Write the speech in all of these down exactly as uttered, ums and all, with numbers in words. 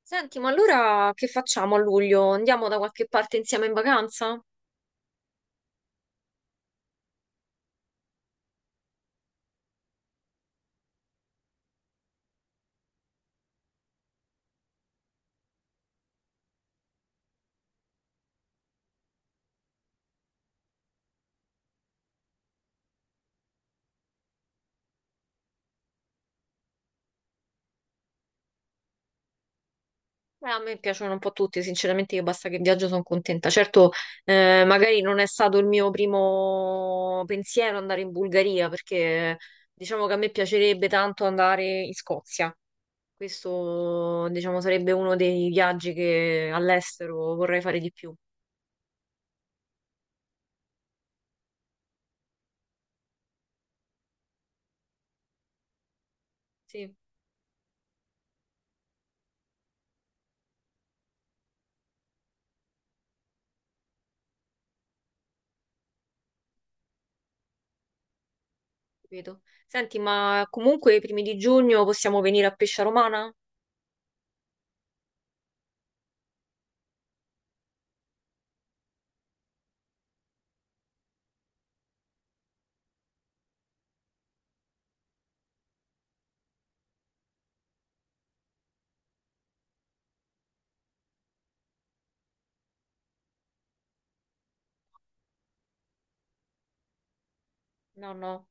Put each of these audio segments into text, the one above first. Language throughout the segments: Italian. Senti, ma allora che facciamo a luglio? Andiamo da qualche parte insieme in vacanza? Eh, a me piacciono un po' tutti, sinceramente io basta che viaggio sono contenta. Certo, eh, magari non è stato il mio primo pensiero andare in Bulgaria, perché diciamo che a me piacerebbe tanto andare in Scozia. Questo, diciamo, sarebbe uno dei viaggi che all'estero vorrei fare di più. Sì, capito. Senti, ma comunque i primi di giugno possiamo venire a Pescia Romana? No, no.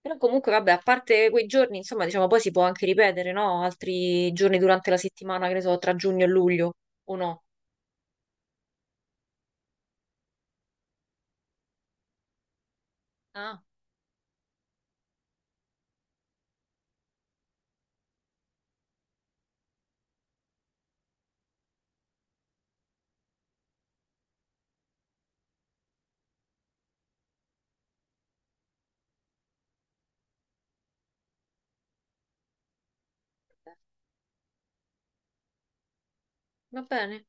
Però comunque, vabbè, a parte quei giorni, insomma, diciamo, poi si può anche ripetere, no? Altri giorni durante la settimana, che ne so, tra giugno e luglio, o no? Ah, va bene.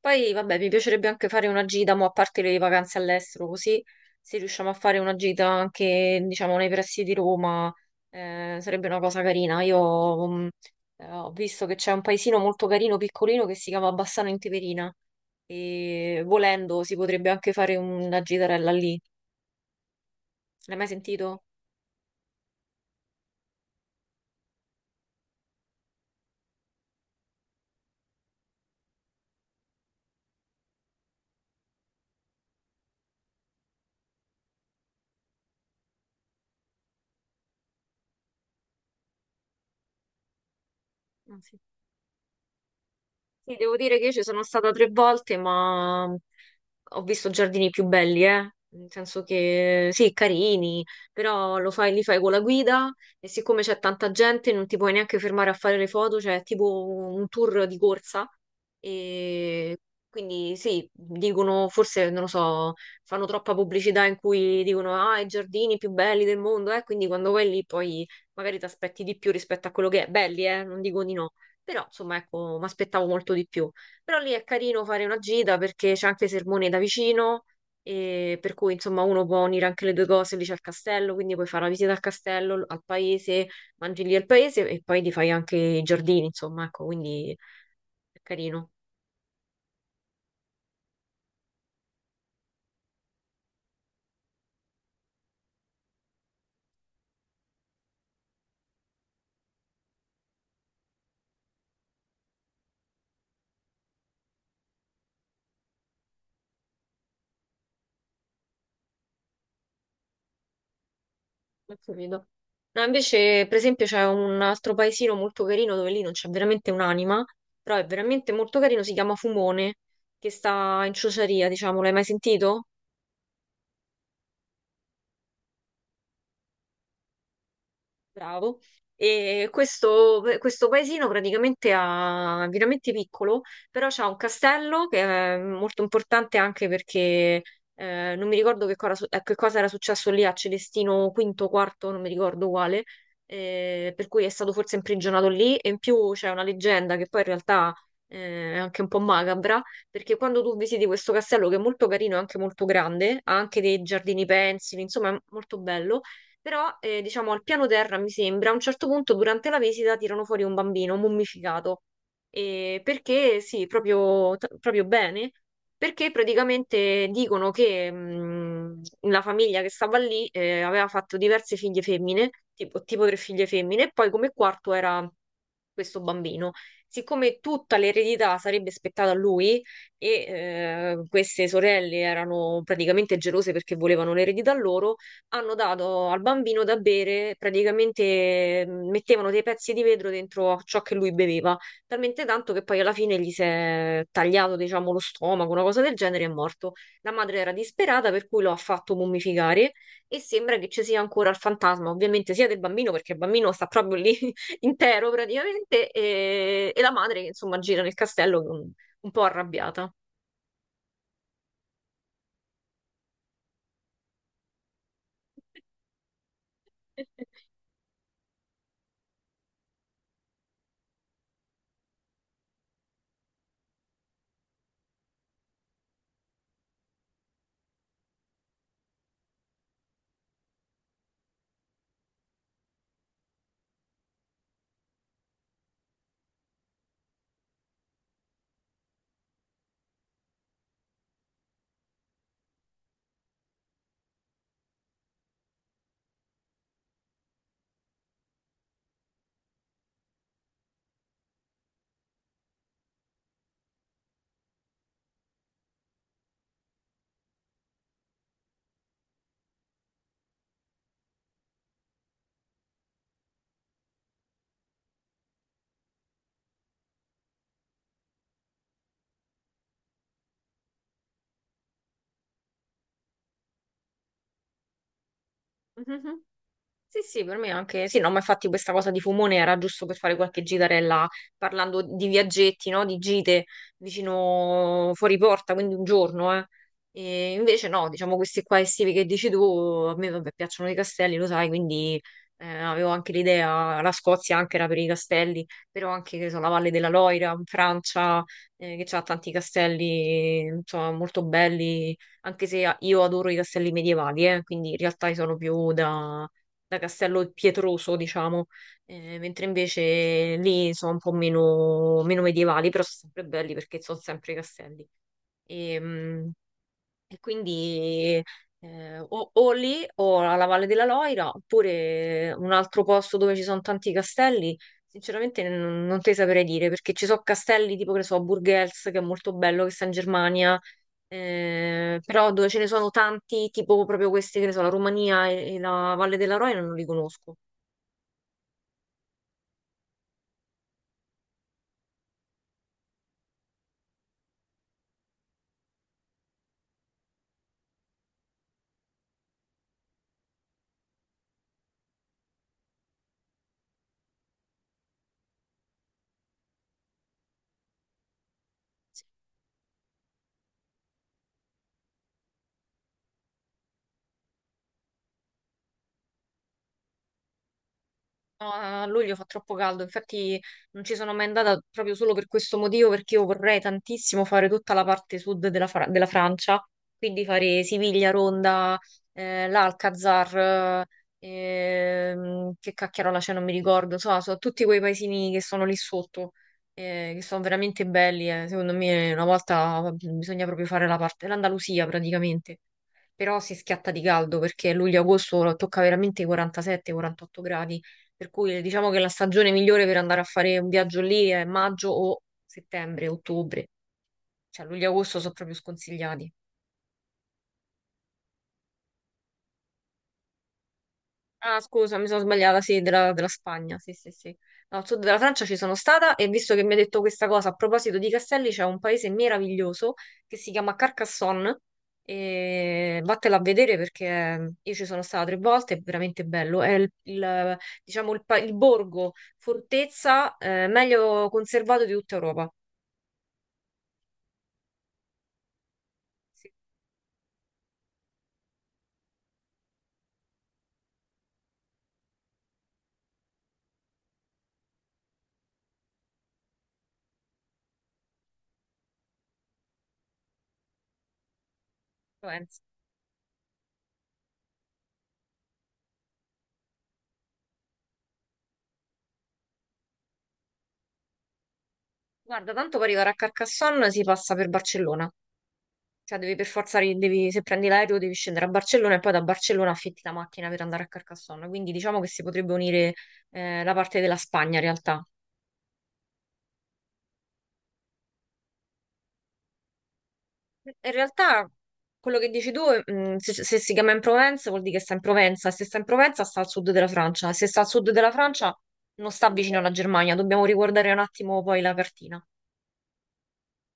Poi, vabbè, mi piacerebbe anche fare una gita, mo, a parte le vacanze all'estero, così se riusciamo a fare una gita anche, diciamo, nei pressi di Roma, eh, sarebbe una cosa carina. Io, mh, eh, ho visto che c'è un paesino molto carino, piccolino, che si chiama Bassano in Teverina, e volendo si potrebbe anche fare una gitarella lì. L'hai mai sentito? Ah, sì. Sì, devo dire che io ci sono stata tre volte, ma ho visto giardini più belli, eh. Nel senso che sì, carini, però lo fai, li fai con la guida e siccome c'è tanta gente non ti puoi neanche fermare a fare le foto, cioè è tipo un tour di corsa. E quindi sì, dicono, forse non lo so, fanno troppa pubblicità in cui dicono ah, i giardini più belli del mondo, eh. Quindi quando vai lì poi magari ti aspetti di più rispetto a quello che è belli, eh, non dico di no però, insomma, ecco, mi aspettavo molto di più. Però lì è carino fare una gita perché c'è anche Sermone da vicino, e per cui, insomma, uno può unire anche le due cose. Lì c'è il castello, quindi puoi fare la visita al castello, al paese, mangi lì al paese e poi ti fai anche i giardini, insomma, ecco, quindi è carino. Ho capito. No, invece, per esempio, c'è un altro paesino molto carino dove lì non c'è veramente un'anima, però è veramente molto carino, si chiama Fumone, che sta in Ciociaria, diciamo, l'hai mai sentito? Bravo. E questo, questo paesino praticamente ha, è veramente piccolo, però c'ha un castello che è molto importante anche perché eh, non mi ricordo che cosa, eh, che cosa era successo lì a Celestino V, quarto, non mi ricordo quale, eh, per cui è stato forse imprigionato lì e in più c'è una leggenda che poi in realtà eh, è anche un po' macabra, perché quando tu visiti questo castello che è molto carino e anche molto grande, ha anche dei giardini pensili, insomma è molto bello però, eh, diciamo, al piano terra, mi sembra, a un certo punto durante la visita tirano fuori un bambino mummificato. E perché, sì, proprio, t- proprio bene, perché praticamente dicono che mh, la famiglia che stava lì eh, aveva fatto diverse figlie femmine, tipo, tipo tre figlie femmine, e poi come quarto era questo bambino. Siccome tutta l'eredità sarebbe spettata a lui e eh, queste sorelle erano praticamente gelose perché volevano l'eredità loro, hanno dato al bambino da bere, praticamente mh, mettevano dei pezzi di vetro dentro a ciò che lui beveva, talmente tanto che poi alla fine gli si è tagliato, diciamo, lo stomaco, una cosa del genere, e è morto. La madre era disperata, per cui lo ha fatto mummificare e sembra che ci sia ancora il fantasma, ovviamente sia del bambino, perché il bambino sta proprio lì intero praticamente, e, e la madre che insomma gira nel castello un un po' arrabbiata. Sì, sì, per me anche, sì, no, ma infatti questa cosa di Fumone era giusto per fare qualche gitarella parlando di viaggetti, no? Di gite vicino fuori porta, quindi un giorno, eh. E invece no, diciamo questi qua estivi che dici tu, a me vabbè, piacciono i castelli, lo sai, quindi eh, avevo anche l'idea, la Scozia anche era per i castelli, però anche, che ne so, la Valle della Loira in Francia, eh, che ha tanti castelli, insomma, molto belli, anche se io adoro i castelli medievali, eh, quindi in realtà io sono più da da Castello Pietroso, diciamo. Eh, mentre invece lì sono un po' meno, meno medievali, però sono sempre belli perché sono sempre castelli. E, mm, e quindi eh, o, o lì o alla Valle della Loira, oppure un altro posto dove ci sono tanti castelli. Sinceramente non, non te saprei dire perché ci sono castelli tipo che ne so, a Burgels che è molto bello, che sta in Germania, eh, però dove ce ne sono tanti, tipo proprio questi che ne so, la Romania e, e la Valle della Roina non li conosco. No, a luglio fa troppo caldo, infatti non ci sono mai andata proprio solo per questo motivo, perché io vorrei tantissimo fare tutta la parte sud della, Fra- della Francia, quindi fare Siviglia, Ronda, eh, l'Alcazar, ehm, che cacchiarola c'è, non mi ricordo, insomma, sono tutti quei paesini che sono lì sotto, eh, che sono veramente belli, eh. Secondo me una volta bisogna proprio fare la parte, l'Andalusia praticamente però si schiatta di caldo perché luglio-agosto tocca veramente i quarantasette quarantotto gradi, per cui diciamo che la stagione migliore per andare a fare un viaggio lì è maggio o settembre, ottobre, cioè luglio-agosto sono proprio sconsigliati. Ah, scusa, mi sono sbagliata, sì, della, della Spagna, sì, sì, sì. No, al sud della Francia ci sono stata e visto che mi ha detto questa cosa, a proposito di castelli, c'è un paese meraviglioso che si chiama Carcassonne e vattela a vedere perché io ci sono stata tre volte, è veramente bello. È il, il, diciamo, il, pa- il borgo, fortezza, eh, meglio conservato di tutta Europa. Sì, lo penso. Guarda, tanto per arrivare a Carcassonne si passa per Barcellona. Cioè, devi per forza, ri- devi- se prendi l'aereo, devi scendere a Barcellona e poi da Barcellona affitti la macchina per andare a Carcassonne. Quindi diciamo che si potrebbe unire eh, la parte della Spagna in realtà. In realtà, quello che dici tu, mh, se, se si chiama in Provenza vuol dire che sta in Provenza, se sta in Provenza sta al sud della Francia, se sta al sud della Francia non sta vicino alla Germania. Dobbiamo riguardare un attimo poi la cartina.